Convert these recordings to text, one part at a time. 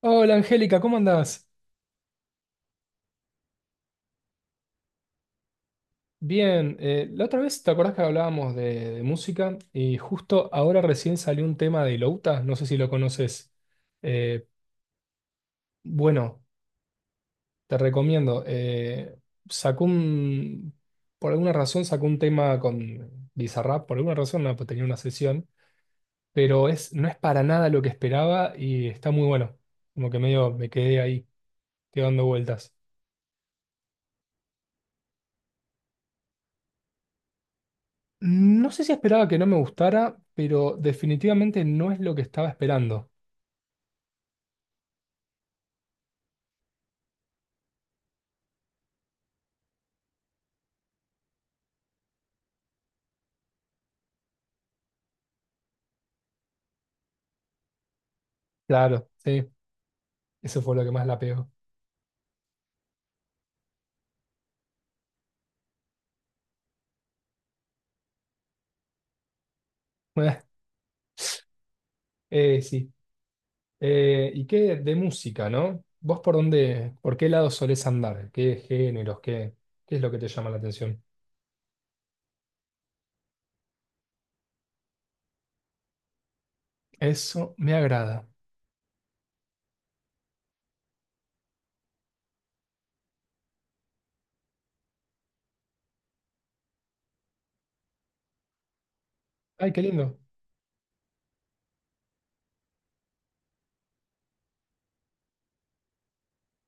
Hola Angélica, ¿cómo andás? Bien, la otra vez te acordás que hablábamos de música y justo ahora recién salió un tema de Louta, no sé si lo conoces. Eh, bueno, te recomiendo. Sacó un, por alguna razón sacó un tema con Bizarrap, por alguna razón no, pues tenía una sesión, pero no es para nada lo que esperaba y está muy bueno. Como que medio me quedé ahí, quedando vueltas. No sé si esperaba que no me gustara, pero definitivamente no es lo que estaba esperando. Claro, sí, eso fue lo que más la pegó. Sí. ¿Y qué de música, no? ¿Vos por dónde, por qué lado solés andar? ¿Qué géneros? ¿Qué es lo que te llama la atención? Eso me agrada. Ay, qué lindo.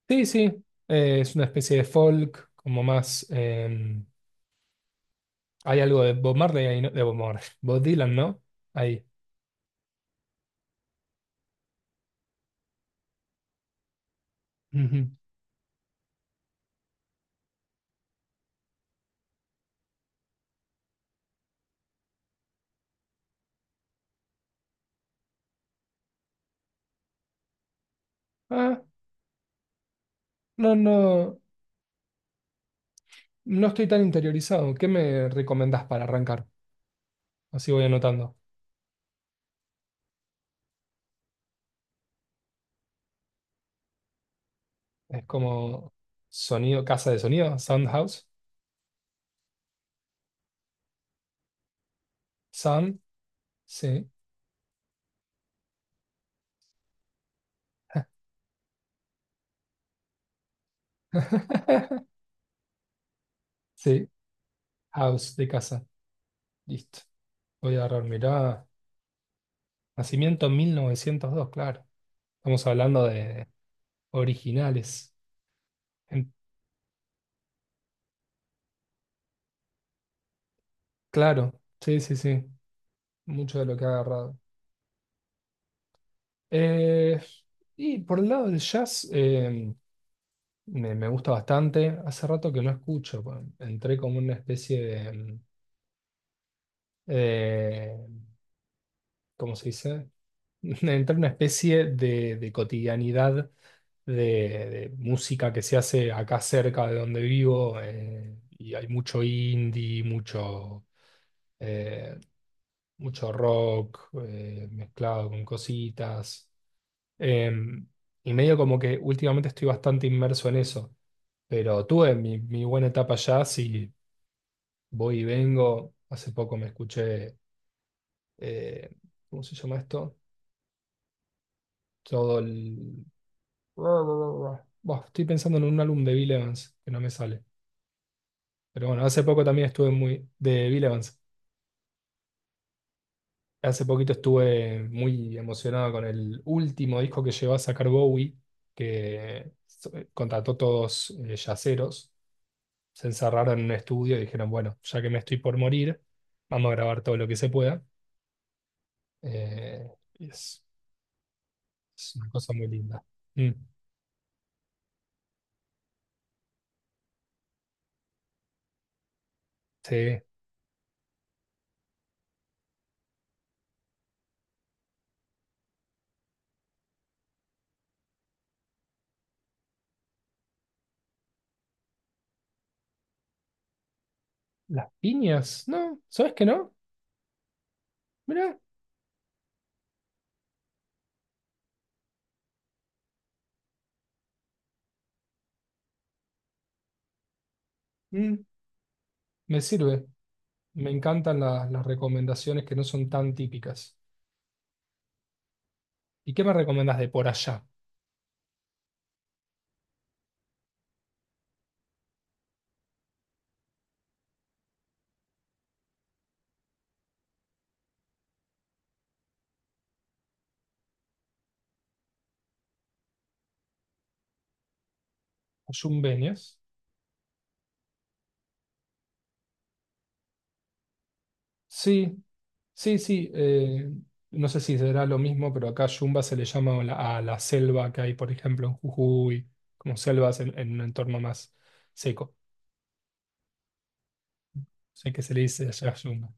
Sí, sí. Es una especie de folk, como más. Hay algo de Bob Marley ahí, ¿no? De Bob Marley. Bob Dylan, ¿no? Ahí. Ujú. Ah, no, no. No estoy tan interiorizado. ¿Qué me recomendás para arrancar? Así voy anotando. Es como sonido, casa de sonido, sound house. Sound, sí. Sí, house de casa. Listo. Voy a agarrar, mirá. Nacimiento 1902, claro. Estamos hablando de originales. En- claro, sí. Mucho de lo que ha agarrado. Eh, y por el lado del jazz, me gusta bastante. Hace rato que no escucho. Entré como una especie de, eh, ¿cómo se dice? Entré en una especie de cotidianidad de música que se hace acá cerca de donde vivo. Y hay mucho indie, eh, mucho rock mezclado con cositas. Em, y medio como que últimamente estoy bastante inmerso en eso. Pero tuve mi buena etapa allá, sí, voy y vengo. Hace poco me escuché, eh, ¿cómo se llama esto? Todo el... Buah, estoy pensando en un álbum de Bill Evans, que no me sale. Pero bueno, hace poco también estuve muy... de Bill Evans. Hace poquito estuve muy emocionado con el último disco que llevó a sacar Bowie, que contrató todos yaceros. Se encerraron en un estudio y dijeron, bueno, ya que me estoy por morir, vamos a grabar todo lo que se pueda. Eh, y es, es una cosa muy linda. Mm, sí. Las piñas, ¿no? ¿Sabes que no? Mirá, mm, me sirve. Me encantan las recomendaciones que no son tan típicas. ¿Y qué me recomendas de por allá? ¿Yumbenias? Sí, sí, sí. No sé si será lo mismo, pero acá Yumba se le llama a a la selva que hay, por ejemplo, en Jujuy, como selvas en un entorno más seco. Sé que se le dice allá Yumba.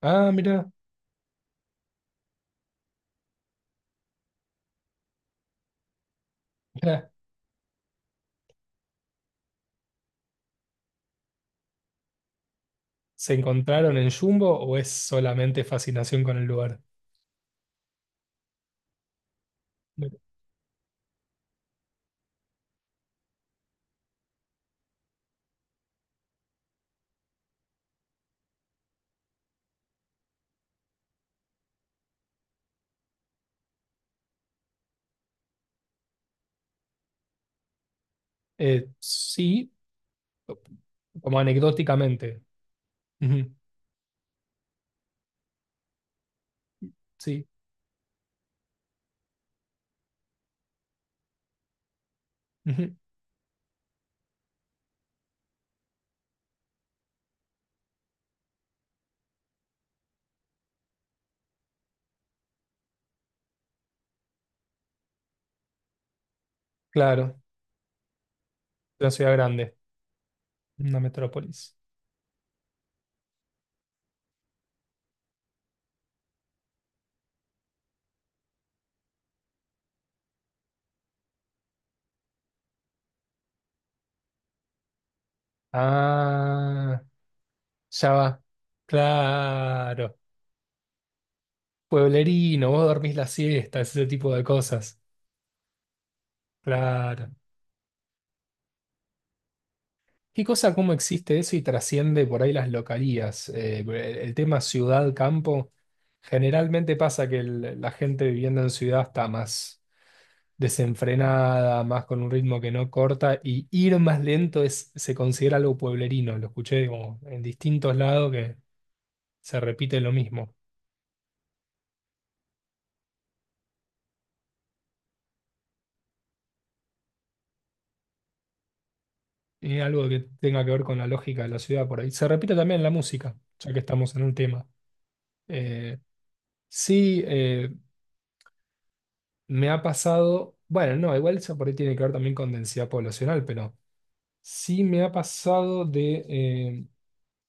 Ah, mira. ¿Se encontraron en Jumbo o es solamente fascinación con el lugar? Sí, como anecdóticamente. Ujú, sí, ujú, claro, una ciudad grande, una metrópolis. Ah, ya va, claro. Pueblerino, vos dormís la siesta, ese tipo de cosas. Claro. Qué cosa, cómo existe eso y trasciende por ahí las localías. El tema ciudad-campo, generalmente pasa que la gente viviendo en ciudad está más desenfrenada, más con un ritmo que no corta, y ir más lento se considera algo pueblerino. Lo escuché como en distintos lados que se repite lo mismo. Y algo que tenga que ver con la lógica de la ciudad por ahí. Se repite también en la música, ya que estamos en un tema. Eh, sí. Me ha pasado, bueno, no, igual eso por ahí tiene que ver también con densidad poblacional, pero sí me ha pasado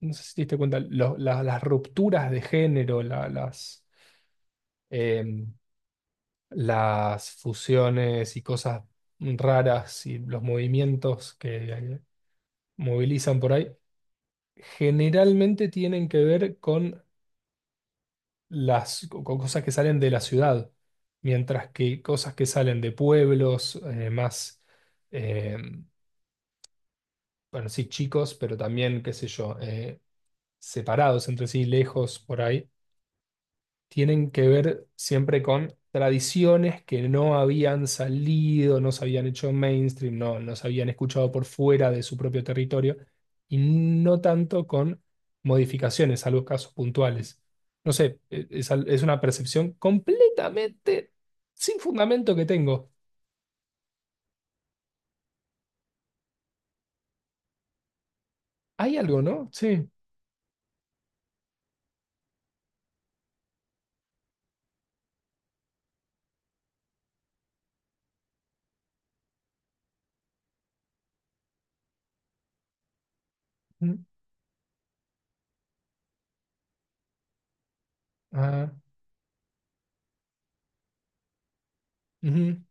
no sé si te diste cuenta, las rupturas de género, eh, las fusiones y cosas raras y los movimientos que movilizan por ahí, generalmente tienen que ver con las con cosas que salen de la ciudad, mientras que cosas que salen de pueblos, más... em, bueno, sí, chicos, pero también, qué sé yo, separados entre sí, lejos por ahí, tienen que ver siempre con tradiciones que no habían salido, no se habían hecho mainstream, no se habían escuchado por fuera de su propio territorio, y no tanto con modificaciones, salvo casos puntuales. No sé, es una percepción completamente sin fundamento que tengo. Hay algo, ¿no? Sí. Mm, ah, ujú,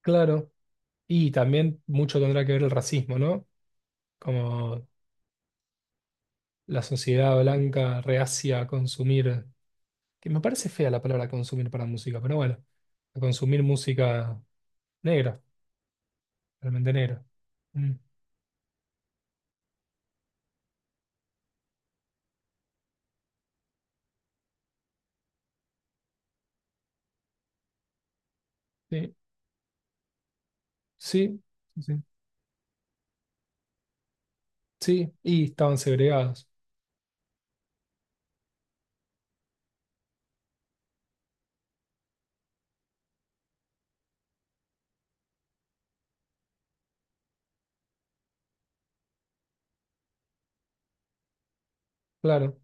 claro. Y también mucho tendrá que ver el racismo, ¿no? Como la sociedad blanca reacia a consumir, que me parece fea la palabra consumir para música, pero bueno, a consumir música negra, realmente negra. Mm, sí, sí, sí, sí, y estaban segregados, claro.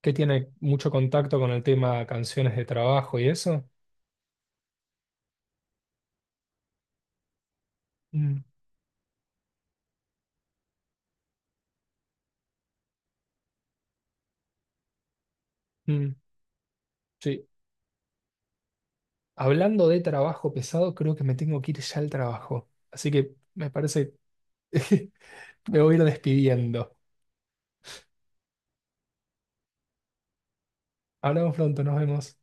Que tiene mucho contacto con el tema canciones de trabajo y eso. Mm, mm, sí. Hablando de trabajo pesado, creo que me tengo que ir ya al trabajo. Así que me parece me voy a ir despidiendo. Hablamos pronto, nos vemos.